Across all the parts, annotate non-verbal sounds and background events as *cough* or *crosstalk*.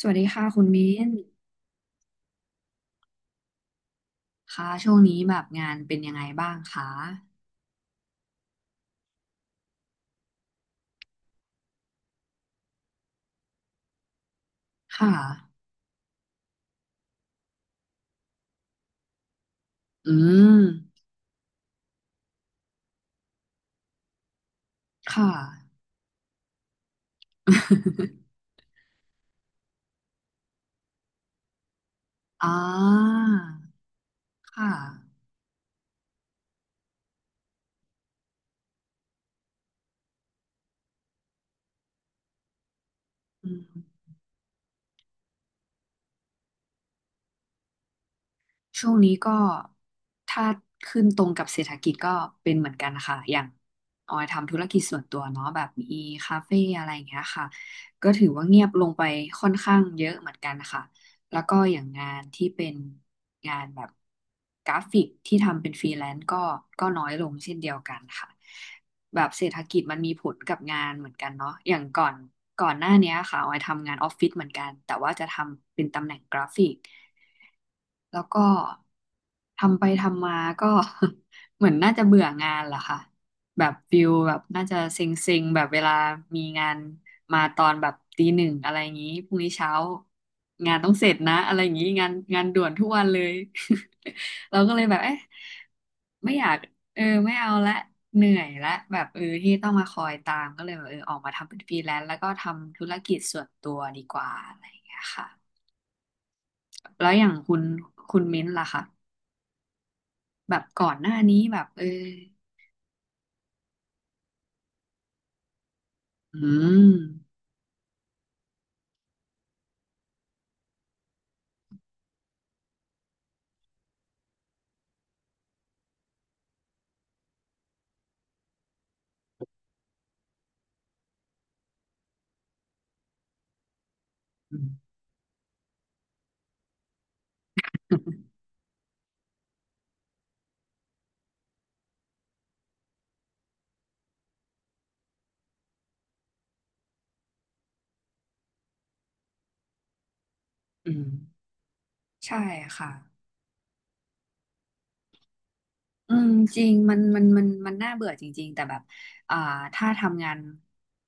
สวัสดีค่ะคุณมิ้นค่ะช่วงนี้แบบงานเป็นยังไงบ้างคะค่ะ อืม ค่ะ *laughs* อ่าค่ะ อืม ช่วงนี้ก็ถ้าขึ้นตรงกับเศรษฐกิจก็เป็นเหมือนกันค่ะอย่างออยทำธุรกิจส่วนตัวเนาะแบบมีคาเฟ่อะไรอย่างเงี้ยค่ะก็ถือว่าเงียบลงไปค่อนข้างเยอะเหมือนกันค่ะแล้วก็อย่างงานที่เป็นงานแบบกราฟิกที่ทำเป็นฟรีแลนซ์ก็น้อยลงเช่นเดียวกันค่ะแบบเศรษฐกิจมันมีผลกับงานเหมือนกันเนาะอย่างก่อนหน้าเนี้ยค่ะออยทำงานออฟฟิศเหมือนกันแต่ว่าจะทำเป็นตำแหน่งกราฟิก แล้วก็ทำไปทำมาก็ *laughs* เหมือนน่าจะเบื่องานแหละค่ะแบบฟิลแบบน่าจะเซ็งๆแบบเวลามีงานมาตอนแบบตี 1อะไรอย่างนี้พรุ่งนี้เช้างานต้องเสร็จนะอะไรอย่างนี้งานด่วนทุกวันเลย *laughs* เราก็เลยแบบเอ๊ะไม่อยากไม่เอาละเหนื่อยละแบบที่ต้องมาคอยตามก็เลยแบบออกมาทำเป็นฟรีแลนซ์แล้วก็ทำธุรกิจส่วนตัวดีกว่าอะไรอย่างเงี้ยค่ะแล้วอย่างคุณมิ้นท์ล่ะคะ แบบก่อนหน้านี้แบบอืมอืมอืมใช่ค่ะอืมจริงมันน่าเบื่อจริงๆแต่แบบอ่าถ้าทำงาน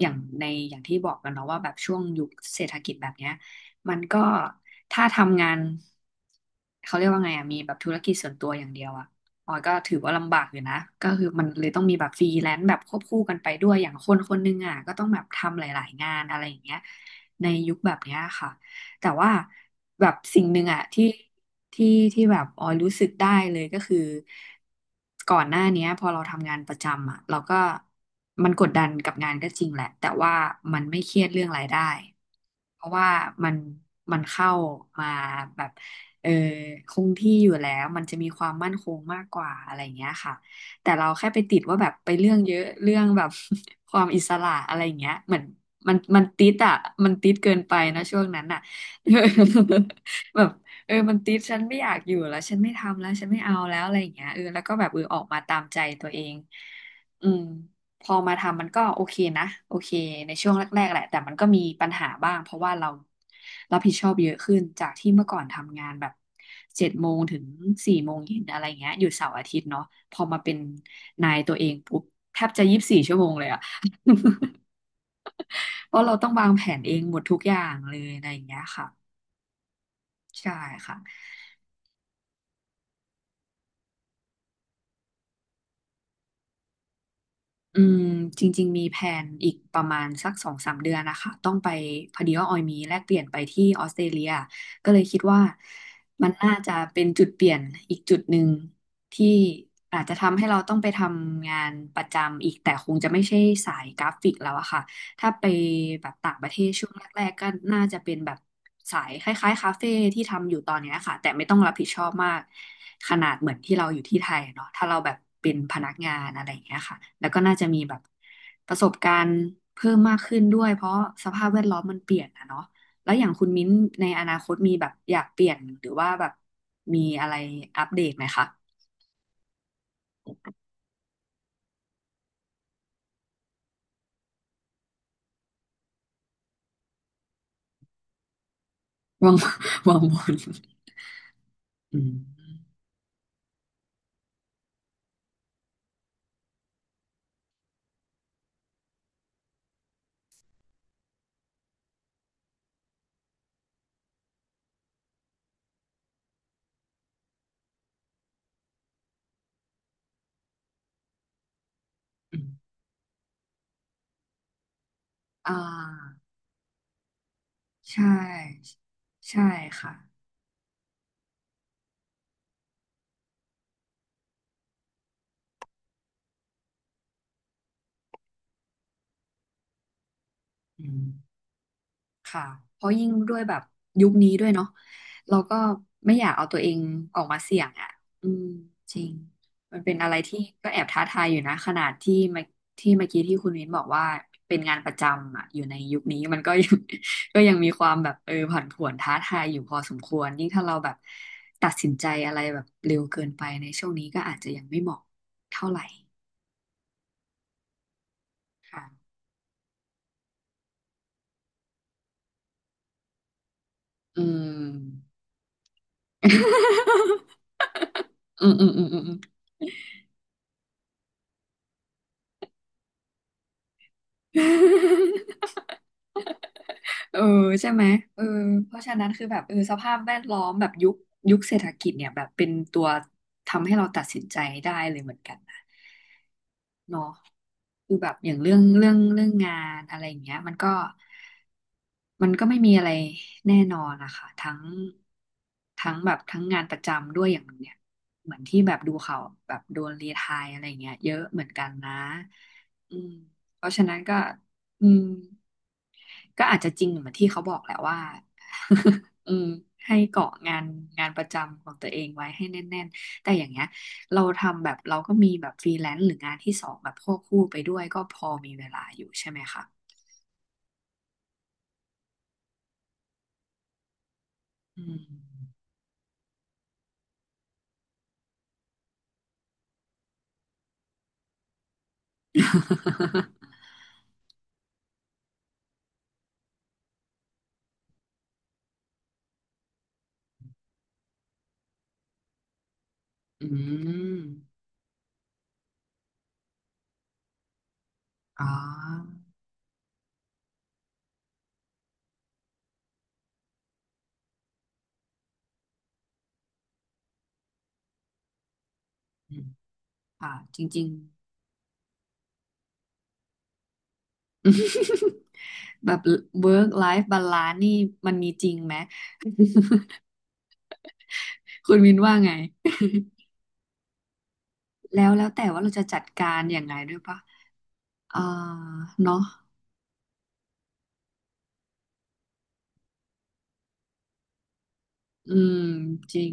อย่างในอย่างที่บอกกันเนาะว่าแบบช่วงยุคเศรษฐกิจแบบเนี้ยมันก็ถ้าทำงานเขาเรียกว่าไงอะมีแบบธุรกิจส่วนตัวอย่างเดียวอะออยก็ถือว่าลำบากอยู่นะก็คือมันเลยต้องมีแบบฟรีแลนซ์แบบควบคู่กันไปด้วยอย่างคนคนหนึงอะก็ต้องแบบทำหลายๆงานอะไรอย่างเงี้ยในยุคแบบเนี้ยค่ะ แต่ว่าแบบสิ่งหนึ่งอะที่ที่แบบออยรู้สึกได้เลยก็คือก่อนหน้าเนี้ยพอเราทำงานประจำอะเราก็มันกดดันกับงานก็จริงแหละแต่ว่ามันไม่เครียดเรื่องรายได้เพราะว่ามันเข้ามาแบบเออคงที่อยู่แล้วมันจะมีความมั่นคงมากกว่าอะไรอย่างเงี้ยค่ะแต่เราแค่ไปติดว่าแบบไปเรื่องเยอะเรื่องแบบ *laughs* ความอิสระอะไรอย่างเงี้ยเหมือนมันติดอ่ะมันติดเกินไปนะช่วงนั้นอ่ะ *laughs* แบบมันติดฉันไม่อยากอยู่แล้วฉันไม่ทำแล้วฉันไม่เอาแล้วอะไรอย่างเงี้ยแล้วก็แบบออกมาตามใจตัวเองอืมพอมาทำมันก็โอเคนะโอเคในช่วงแรกๆแหละแต่มันก็มีปัญหาบ้างเพราะว่าเรารับผิดชอบเยอะขึ้นจากที่เมื่อก่อนทำงานแบบ7 โมงถึง 4 โมงเย็นอะไรเงี้ยอยู่เสาร์อาทิตย์เนาะพอมาเป็นนายตัวเองปุ๊บแทบจะ24 ชั่วโมงเลยอะ *laughs* เพราะเราต้องวางแผนเองหมดทุกอย่างเลยอะไรอย่างเงี้ยค่ะ ใช่ค่ะอืมจริงๆ มีแผนอีกประมาณสัก2-3 เดือนนะคะ ต้องไปพอดีว่าออยมีแลกเปลี่ยนไปที่ออสเตรเลียก็เลยคิดว่ามันน่าจะเป็นจุดเปลี่ยนอีกจุดหนึ่งที่อาจจะทำให้เราต้องไปทำงานประจำอีกแต่คงจะไม่ใช่สายกราฟิกแล้วอะค่ะ ถ้าไปแบบต่างประเทศช่วงแรกๆก็น่าจะเป็นแบบสายคล้ายๆคาเฟ่ที่ทำอยู่ตอนเนี้ยค่ะแต่ไม่ต้องรับผิดชอบมากขนาดเหมือนที่เราอยู่ที่ไทยเนาะถ้าเราแบบเป็นพนักงานอะไรอย่างเงี้ยค่ะแล้วก็น่าจะมีแบบประสบการณ์เพิ่มมากขึ้นด้วยเพราะสภาพแวดล้อมมันเปลี่ยนอะเนาะแล้วอย่างคุณมิ้นในอนาคตมีแบบอยากเปลี่ยนหรือว่าแบบมีอะไรอัปเดตไหมคะวาง *laughs* วางบนอืมอืมอ่า ใช่ใช่ค่ะอืมค่ะเพราะยิ่งด้วยแบบยุคนี้ด้วยเนาะเราก็ไม่อยากเอาตัวเองออกมาเสี่ยงอ่ะอืมจริงมันเป็นอะไรที่ก็แอบท้าทายอยู่นะขนาดที่เมื่อกี้ที่คุณวินบอกว่าเป็นงานประจำอ่ะอยู่ในยุคนี้มันก็ยัง *laughs* ก็ยังมีความแบบผันผวนท้าทายอยู่พอสมควรยิ่งถ้าเราแบบตัดสินใจอะไรแบบเร็วเกินไปในช่วงนี้ก็อาจจะยังไม่เหมาะเท่าไหร่ค่ะอืม *laughs* อืมอืมอืมอืมอืม *laughs* เออใช่ไหมเออเพราะฉะนั้นคือแบบสภาพแวดล้อมแบบยุคเศรษฐกิจเนี่ยแบบเป็นตัวทำให้เราตัดสินใจได้เลยเหมือนกันนะเนาะคือแบบอย่างเรื่องงานอะไรอย่างเงี้ยมันก็ไม่มีอะไรแน่นอนนะคะทั้งทั้งแบบทั้งงานประจำด้วยอย่างเนี่ยเหมือนที่แบบดูข่าวแบบโดนรีไทร์อะไรอย่างเงี้ยเยอะเหมือนกันนะอืมเพราะฉะนั้นก็อืม ก็อาจจะจริงเหมือนที่เขาบอกแหละว่า *laughs* อืมให้เกาะงานประจำของตัวเองไว้ให้แน่นๆแต่อย่างเงี้ยเราทำแบบเราก็มีแบบฟรีแลนซ์หรืองานที่สองแบบควบคู่ไปด้วยก็พอมีเวลาอยู่ใช่ไหมคะอืม *laughs* อืมอ๋ออืมค่ะจริงๆ *laughs* แบบ work life balance นี่มันมีจริงไหมคุณวินว่าไง *laughs* แล้วแต่ว่าเราจะจัดการยังไงด้วยปะอ่าเนาะ อืมจริง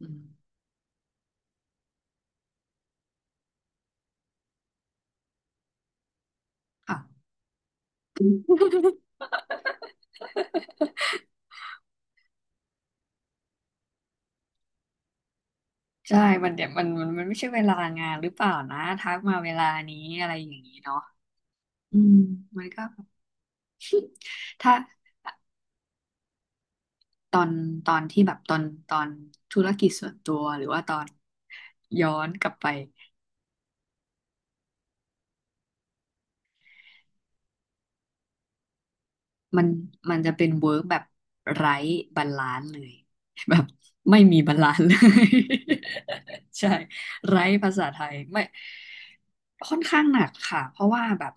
อืมค่ะ *laughs* ใช่มันเดี๋ยวมันไม่ใช่เวลางานหรือเปล่านะทักมาเวลานี้อะไรอย่างนี้เนาะอืมมันก็ *laughs* ถ้าตอนตอนที่แบบตอนตอนธุรกิจส่วนตัวหรือว่าตอนย้อนกลับไปมันมันจะเป็นเวิร์กแบบไร้บาลานซ์เลย *laughs* แบบไม่มีบาลานซ์เลย *laughs* ใช่ไร้ภาษาไทยไม่ ค่อนข้างหนักค่ะเพราะว่าแบบ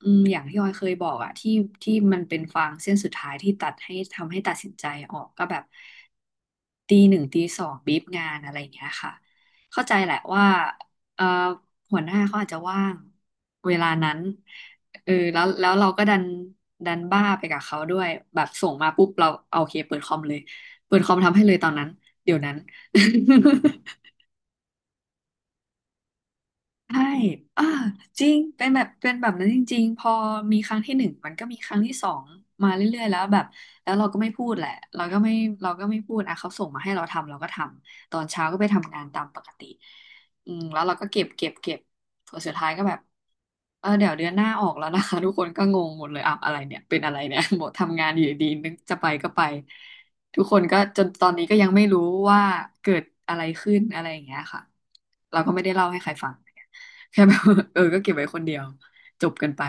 อืมอย่างที่ออยเคยบอกอะที่มันเป็นฟางเส้นสุดท้ายที่ตัดให้ทำให้ตัดสินใจออกก็แบบตีหนึ่งตีสองบีบงานอะไรอย่างเงี้ยค่ะเข้าใจแหละว่าเอ่อหัวหน้าเขาอาจจะว่างเวลานั้นเออแล้วเราก็ดันบ้าไปกับเขาด้วยแบบส่งมาปุ๊บเราเอาโอเคเปิดคอมเลยเปิดคอมทำให้เลยตอนนั้นเดี๋ยวนั้น ใช่อ่าจริงเป็นแบบเป็นแบบนั้นจริงๆพอมีครั้งที่หนึ่ง มันก็มีครั้งที่สองมาเรื่อยๆแล้วแบบ แล้วเราก็ไม่พูดแหละ เราก็ไม่เราก็ไม่พูดอ่ะเขาส่งมาให้เราทำ เราก็ทำ ตอนเช้าก็ไปทำงานตามปกติอืมแล้วเราก็เก็บ ส่วนสุดท้ายก็แบบเออเดี๋ยวเดือนหน้าออกแล้วนะคะ *laughs* ทุกคนก็งงหมดเลยอ้าอะไรเนี่ยเป็นอะไรเนี่ย *laughs* บอกทำงานอยู่ดีนึกจะไปก็ไปทุกคนก็จนตอนนี้ก็ยังไม่รู้ว่าเกิดอะไรขึ้นอะไรอย่างเงี้ยค่ะเราก็ไม่ได้เล่าให้ใครฟัง *laughs* แค่แบบ *laughs* เออก็เก็บไว้คนเดียวจบกันไป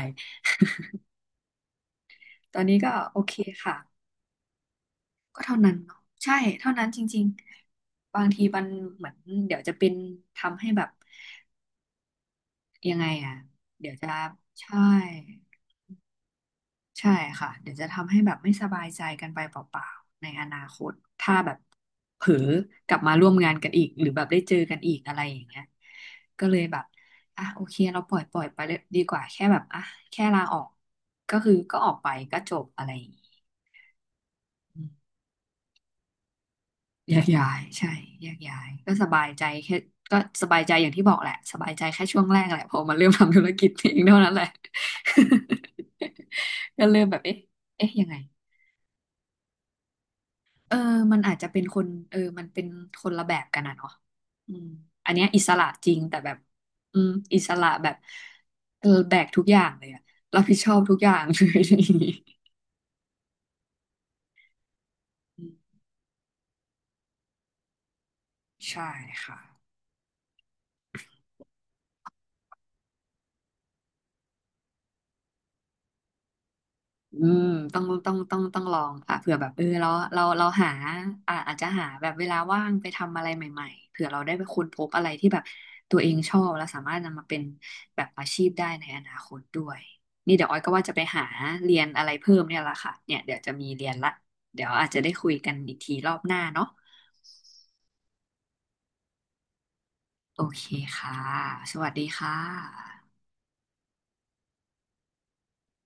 ตอนนี้ก็โอเคค่ะก็เท่านั้นเนาะใช่เท่านั้นจริงๆบางทีมันเหมือนเดี๋ยวจะเป็นทำให้แบบยังไงอ่ะเดี๋ยวจะใช่ ใช่ค่ะเดี๋ยวจะทำให้แบบไม่สบายใจกันไปเปล่าๆในอนาคตถ้าแบบเผลอกลับมาร่วมงานกันอีกหรือแบบได้เจอกันอีกอะไรอย่างเงี้ยก็เลยแบบอ่ะโอเคเราปล่อยไปเลยดีกว่าแค่แบบอ่ะแค่ลาออกก็คือก็ออกไปก็จบอะไรอย่างงี้อืมแยกย้ายใช่แยกย้ายก็สบายใจแค่ก็สบายใจอย่างที่บอกแหละสบายใจแค่ช่วงแรกแหละพอมาเริ่มทำธุรกิจเองเท่านั้นแหละ *laughs* ก็เริ่มแบบเอ๊ะเอ๊ะยังไง เออมันอาจจะเป็นคนเออมันเป็นคนละแบบกันนะเนาะอืมอันเนี้ยอิสระจริงแต่แบบอืมอิสระแบบเออแบกทุกอย่างเลยอะรับผิดชอบทุกอย่างเลย *laughs* อืมใช่ค่ะ อืมต้องลองค่ะเผื่อแบบเออเราหาอ่าอาจจะหาแบบเวลาว่างไปทำอะไรใหม่ๆเผื่อเราได้ไปค้นพบอะไรที่แบบตัวเองชอบแล้วสามารถนำมาเป็นแบบอาชีพได้ในอนาคตด้วยนี่เดี๋ยวออยก็ว่าจะไปหาเรียนอะไรเพิ่มเนี่ยละค่ะเนี่ยเดี๋ยวจะมีเรียนละเดี๋ยวอาจจะได้คุยกันอีกทีรอบหน้าเนาะโอเคค่ะสวัสดีค่ะ